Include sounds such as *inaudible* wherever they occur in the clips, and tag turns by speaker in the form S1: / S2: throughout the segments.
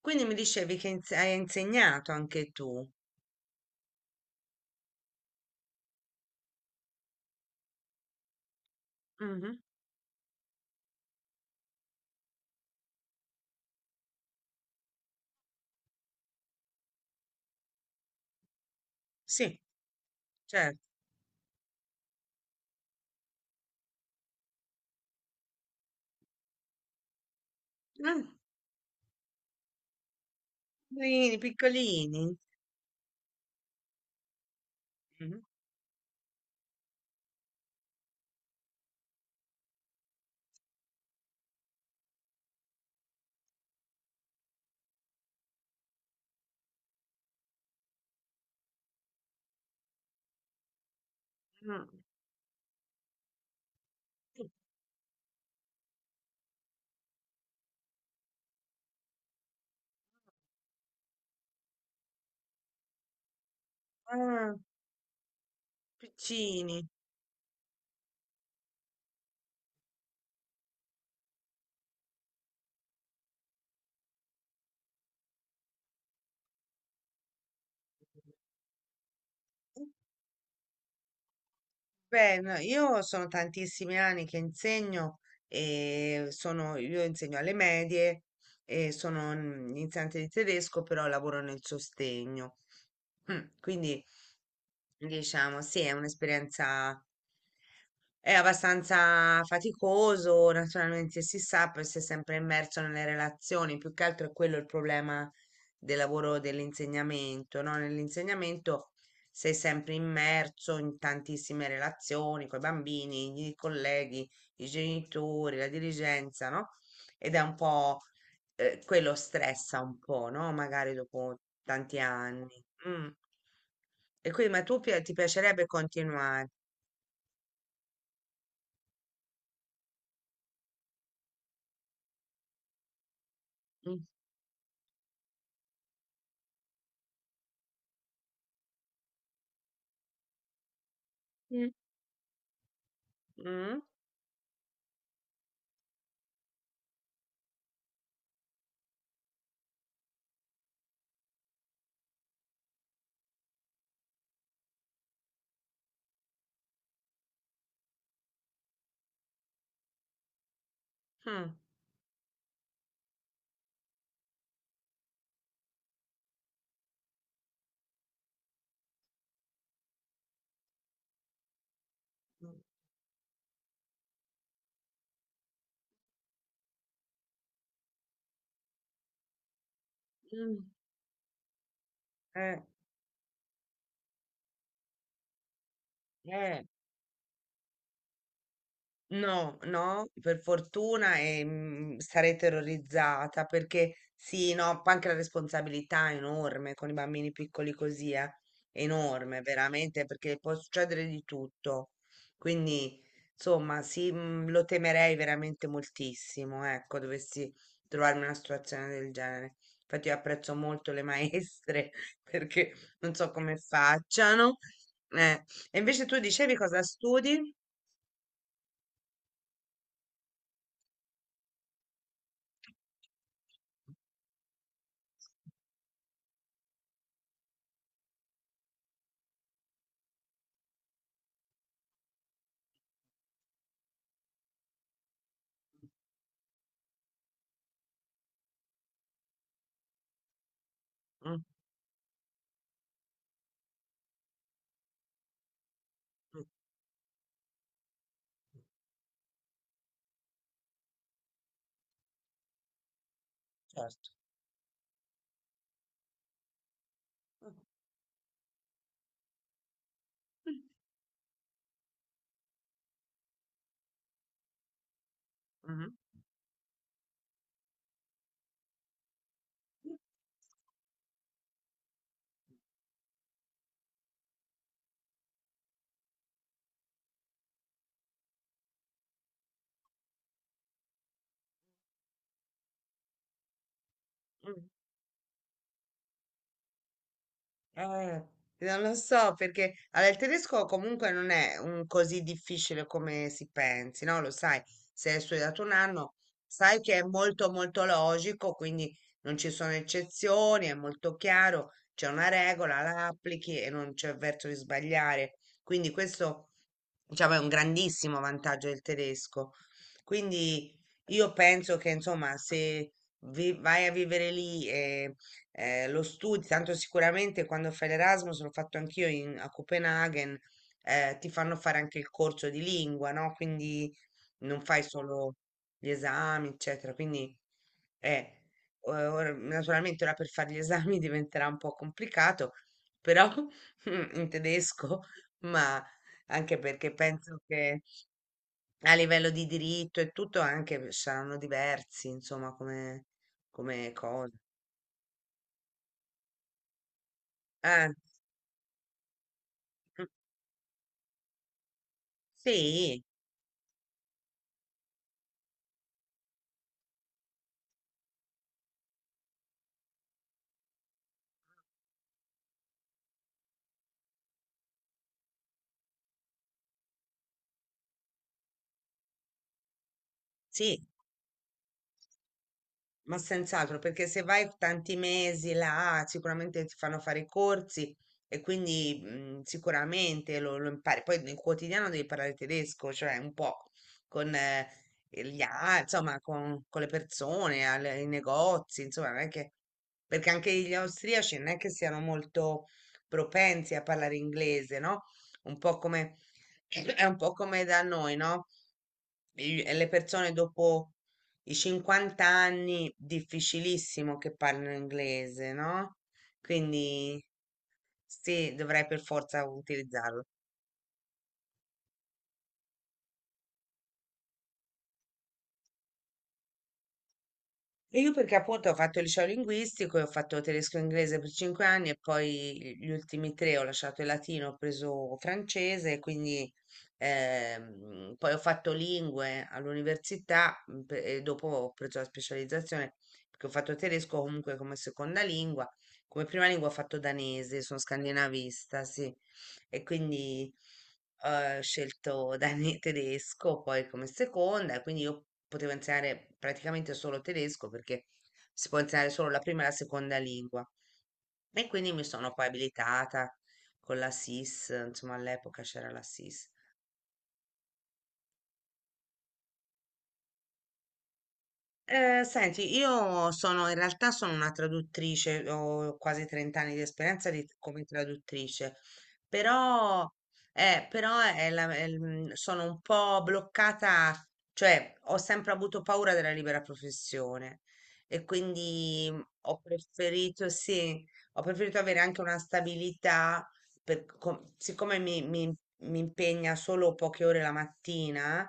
S1: Quindi mi dicevi che hai insegnato anche tu. Mhm. Sì, certo. Mm. Piccolini, piccolini. Mhm. Mm. Ah, piccini. Beh, no, io sono tantissimi anni che insegno e sono, io insegno alle medie e sono un insegnante di tedesco, però lavoro nel sostegno. Mm. Quindi diciamo, sì, è un'esperienza. È abbastanza faticoso, naturalmente si sa, poi si è sempre immerso nelle relazioni, più che altro è quello il problema del lavoro dell'insegnamento, no? Nell'insegnamento sei sempre immerso in tantissime relazioni con i bambini, i colleghi, i genitori, la dirigenza, no? Ed è un po' quello stressa un po', no? Magari dopo tanti anni. Mm. E quindi, ma tu ti piacerebbe continuare? Mm. Mm. Mm? Ah. Mh. Eh, eh. No, no, per fortuna e, mm, sarei terrorizzata perché sì, no, anche la responsabilità è enorme con i bambini piccoli così, è enorme veramente perché può succedere di tutto. Quindi, insomma, sì, mm, lo temerei veramente moltissimo, ecco, dovessi trovarmi in una situazione del genere. Infatti io apprezzo molto le maestre *laughs* perché non so come facciano. Eh. E invece tu dicevi cosa studi? Mm. Mh, mh, certo. Mh. Mh-mh. Mh. Eh, non lo so perché allora, il tedesco comunque non è un così difficile come si pensi, no? Lo sai, se hai studiato un anno, sai che è molto molto logico, quindi non ci sono eccezioni, è molto chiaro, c'è una regola, la applichi e non c'è verso di sbagliare. Quindi questo diciamo, è un grandissimo vantaggio il tedesco. Quindi io penso che, insomma, se vai a vivere lì e lo studi, tanto sicuramente quando fai l'Erasmus, l'ho fatto anch'io a Copenaghen, ti fanno fare anche il corso di lingua, no? Quindi non fai solo gli esami, eccetera. Quindi eh, naturalmente ora per fare gli esami *laughs* diventerà un po' complicato, però *laughs* in tedesco, ma anche perché penso che a livello di diritto e tutto anche saranno diversi, insomma, come, come cose. Ah, mm, sì, sì. Ma senz'altro, perché se vai tanti mesi là, sicuramente ti fanno fare i corsi e quindi mm, sicuramente lo impari. Poi nel quotidiano devi parlare tedesco, cioè un po' con insomma, con le persone, ai negozi, insomma, non è che perché anche gli austriaci non è che siano molto propensi a parlare inglese, no? Un po' come *clears throat* è un po' come da noi, no? Le persone dopo i 50 anni, difficilissimo che parlino inglese, no? Quindi sì, dovrei per forza utilizzarlo. E io perché appunto ho fatto il liceo linguistico e ho fatto tedesco e inglese per cinque anni e poi gli ultimi tre ho lasciato il latino, ho preso francese, quindi poi ho fatto lingue all'università mm, e dopo ho preso la specializzazione perché ho fatto tedesco comunque come seconda lingua, come prima lingua ho fatto danese, sono scandinavista, sì, e quindi ho scelto Dani *laughs* tedesco poi come seconda, quindi io potevo insegnare praticamente solo tedesco perché si può insegnare solo la prima e la seconda lingua. E quindi mi sono poi abilitata con la SIS, insomma all'epoca c'era la SIS. Senti, io sono in realtà sono una traduttrice, ho quasi 30 anni di esperienza come traduttrice, però, però è è mm, sono un po' bloccata, cioè ho sempre avuto paura della libera professione e quindi mm, ho preferito, sì, ho preferito avere anche una stabilità, siccome mi mi impegna solo poche ore la mattina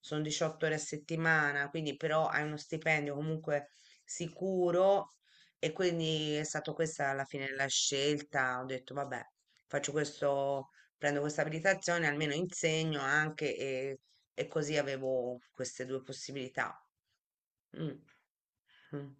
S1: sono 18 ore a settimana, quindi però hai uno stipendio comunque sicuro e quindi è stata questa alla fine la scelta. Ho detto, vabbè, faccio questo, prendo questa abilitazione, almeno insegno anche e così avevo queste due possibilità. Mm, mm.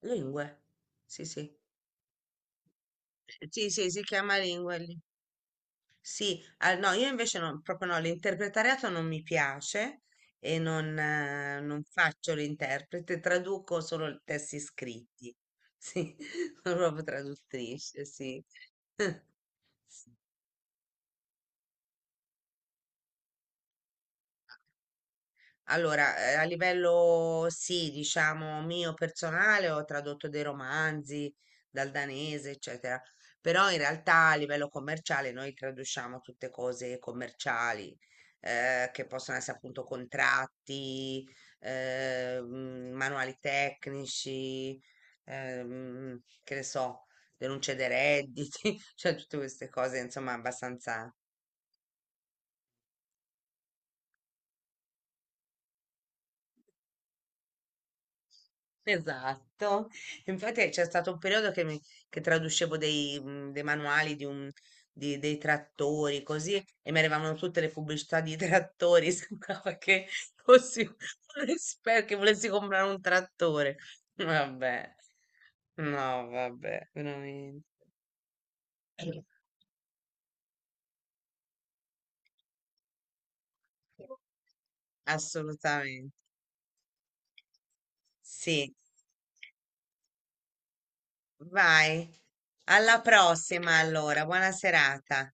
S1: Lingue, sì, sì. Sì, sì, si chiama lingue lì. Sì, ah, no, io invece no, proprio no, l'interpretariato non mi piace e non, non faccio l'interprete, traduco solo i testi scritti. Sì, *laughs* sono proprio traduttrice, sì. *laughs* Sì. Allora, a livello sì, diciamo mio personale, ho tradotto dei romanzi dal danese, eccetera, però in realtà a livello commerciale noi traduciamo tutte cose commerciali, che possono essere appunto contratti, mm, manuali tecnici, che ne so, denunce dei redditi, *laughs* cioè tutte queste cose, insomma, abbastanza. Esatto, infatti c'è stato un periodo che, che traducevo dei, mm, dei manuali di dei trattori così e mi arrivavano tutte le pubblicità di trattori, *laughs* sembrava che fossi un esperto, che volessi comprare un trattore. Vabbè, no, vabbè, veramente. Assolutamente. Sì, vai. Alla prossima allora, buona serata.